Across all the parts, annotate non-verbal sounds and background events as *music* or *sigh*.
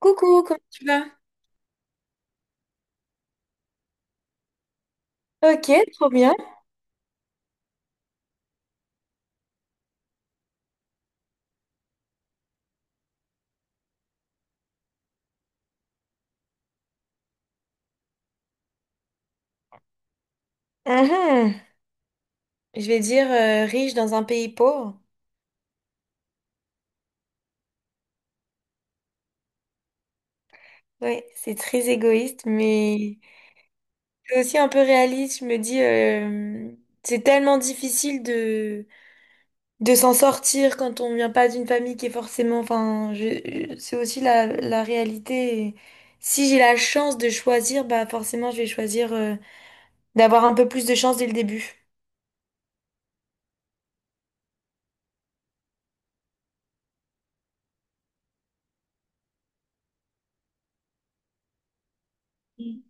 Coucou, comment tu vas? Ok, trop bien. Mhm. Je vais dire riche dans un pays pauvre. Oui, c'est très égoïste, mais c'est aussi un peu réaliste. Je me dis, c'est tellement difficile de s'en sortir quand on vient pas d'une famille qui est forcément. Enfin, c'est aussi la réalité. Et si j'ai la chance de choisir, bah forcément, je vais choisir d'avoir un peu plus de chance dès le début. Mm.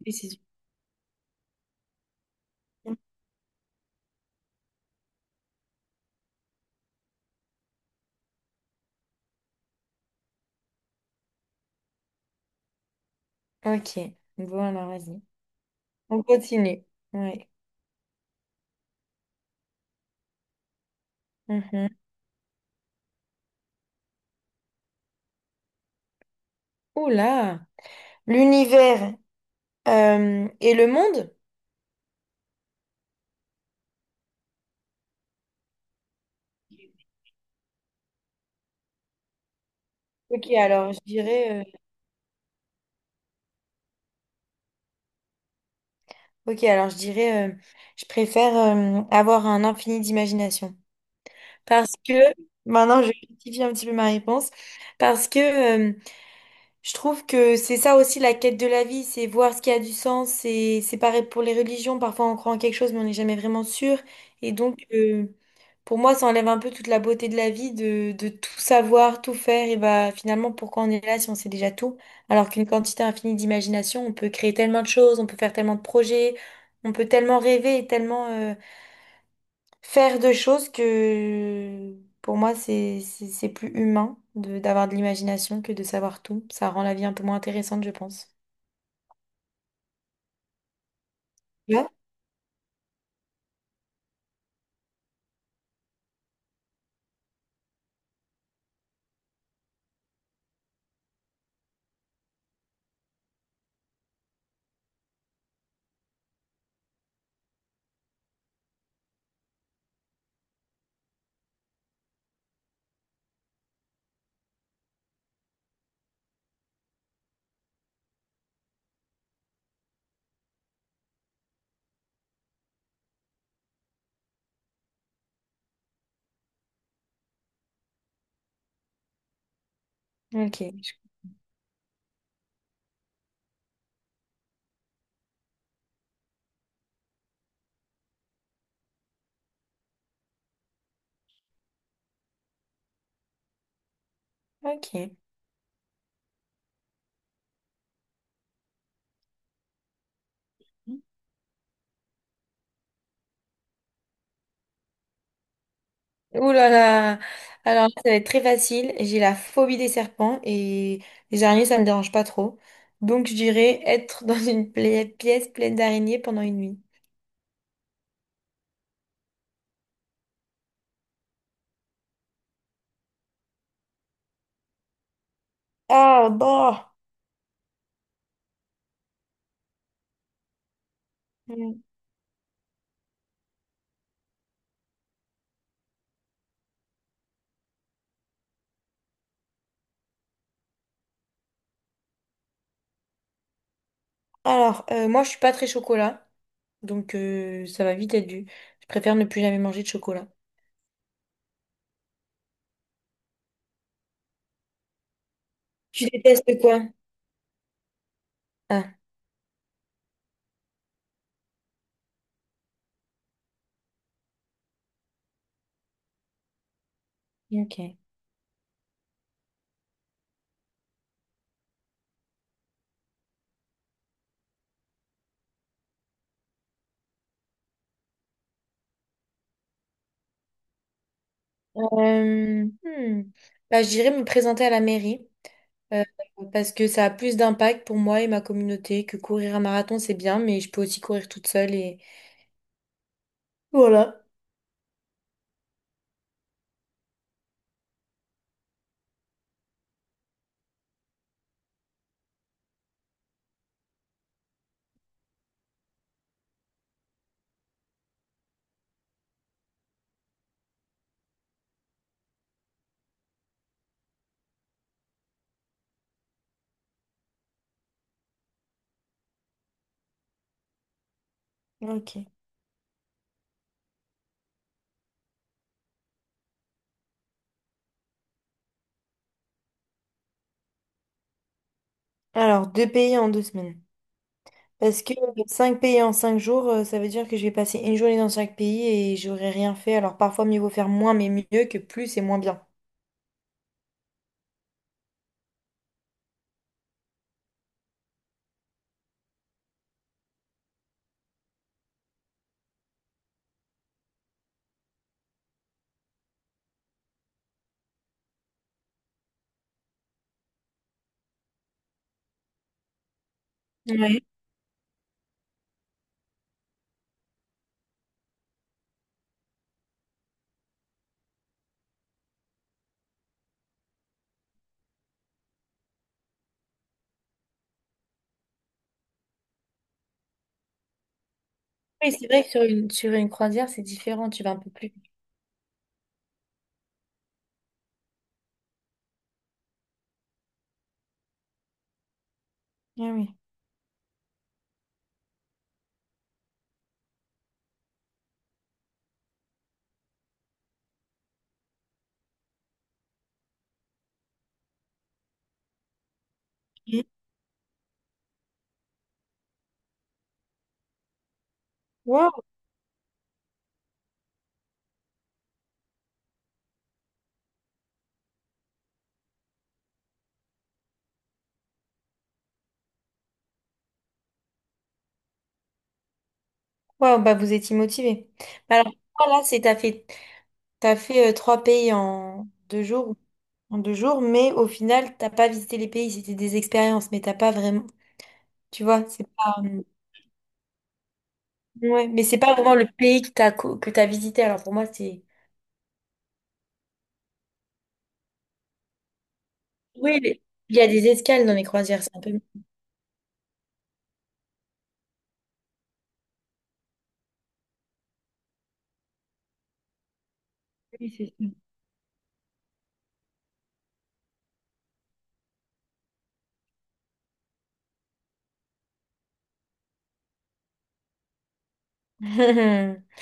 Décision. Ok, bon alors vas-y. On continue. Ouais. Mhm. Oula! L'univers et le monde? Ok, alors je dirais, euh, ok, alors je dirais, je préfère avoir un infini d'imagination. Parce que, maintenant je rectifie un petit peu ma réponse, parce que Je trouve que c'est ça aussi la quête de la vie, c'est voir ce qui a du sens. C'est pareil pour les religions. Parfois, on croit en quelque chose, mais on n'est jamais vraiment sûr. Et donc, pour moi, ça enlève un peu toute la beauté de la vie, de tout savoir, tout faire. Et bah, finalement, pourquoi on est là si on sait déjà tout? Alors qu'une quantité infinie d'imagination, on peut créer tellement de choses, on peut faire tellement de projets, on peut tellement rêver et tellement, faire de choses que pour moi c'est plus humain de d'avoir de l'imagination que de savoir tout. Ça rend la vie un peu moins intéressante, je pense. Ouais. Ok, ok. Ouh là là. Alors là, ça va être très facile. J'ai la phobie des serpents et les araignées, ça me dérange pas trop. Donc je dirais être *laughs* dans une pièce pleine d'araignées pendant une nuit. Ah, bah. Mm. Alors, moi je suis pas très chocolat, donc ça va vite être dû. Je préfère ne plus jamais manger de chocolat. Tu détestes quoi? Ah, oui, ok. Hmm. Bah, je dirais me présenter à la mairie euh, parce que ça a plus d'impact pour moi et ma communauté que courir un marathon, c'est bien, mais je peux aussi courir toute seule et voilà. Ok. Alors, deux pays en 2 semaines. Parce que cinq pays en 5 jours, ça veut dire que je vais passer une journée dans chaque pays et j'aurai rien fait. Alors, parfois, mieux vaut faire moins, mais mieux que plus et moins bien. Ouais. Oui, c'est vrai que sur une croisière, c'est différent, tu vas un peu plus. Ah oui. Mhm. Ouais. Wow, bah vous étiez motivé. Bah alors, toi, là, c'est t'as fait trois pays en deux jours, mais au final, t'as pas visité les pays, c'était des expériences, mais t'as pas vraiment, tu vois, c'est pas, ouais, mais c'est pas vraiment le pays que t'as visité. Alors pour moi, c'est, oui, mais il y a des escales dans les croisières, c'est un peu mieux. Oui, c'est ça. *laughs*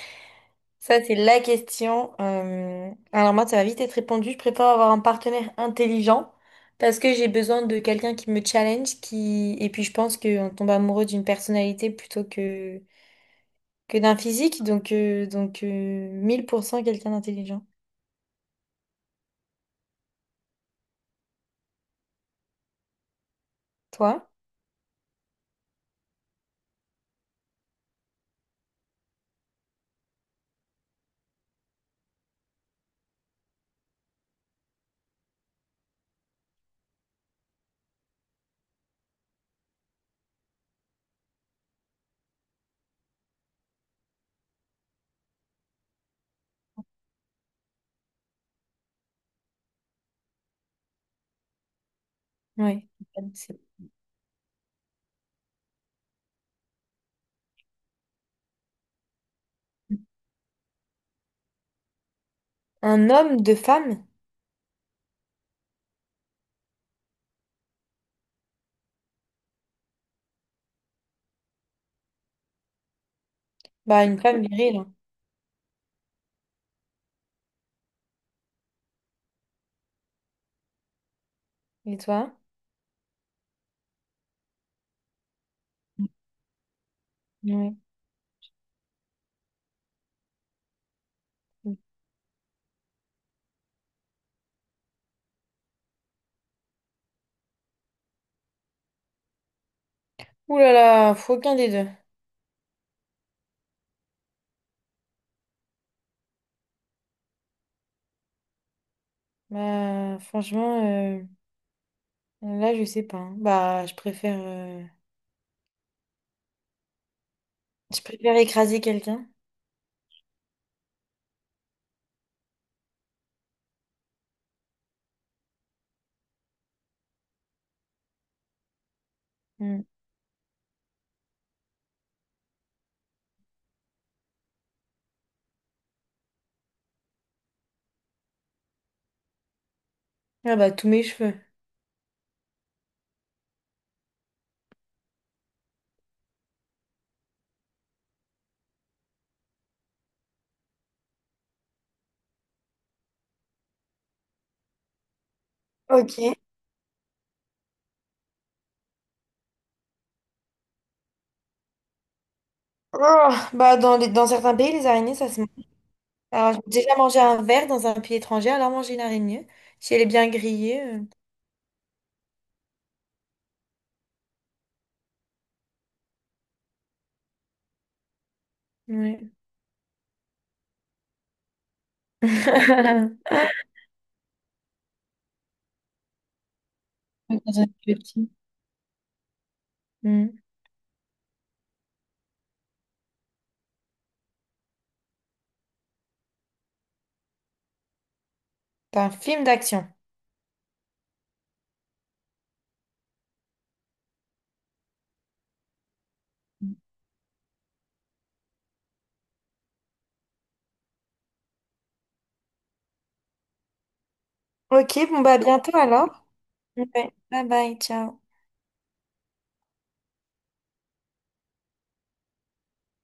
Ça, c'est la question. Alors moi, ça va vite être répondu. Je préfère avoir un partenaire intelligent parce que j'ai besoin de quelqu'un qui me challenge, qui... Et puis je pense qu'on tombe amoureux d'une personnalité plutôt que d'un physique. Donc, 1000% quelqu'un d'intelligent. Toi? Oui. Un homme de femme? Bah, une femme virile, hein. Et toi? Oui. Ouh là là, faut aucun des deux. Bah, franchement, euh, là, je sais pas, hein. Je préfère écraser quelqu'un. Hmm. Ah bah, tous mes cheveux. Ok. Oh, bah dans certains pays, les araignées, ça se mange. Alors, j'ai déjà mangé un verre dans un pays étranger, alors manger une araignée. Si elle est bien grillée. Ouais. *laughs* Dans un petit. Hmm. C'est un film d'action. Ok, bon bah à bientôt alors. Ouais. Bye bye, ciao.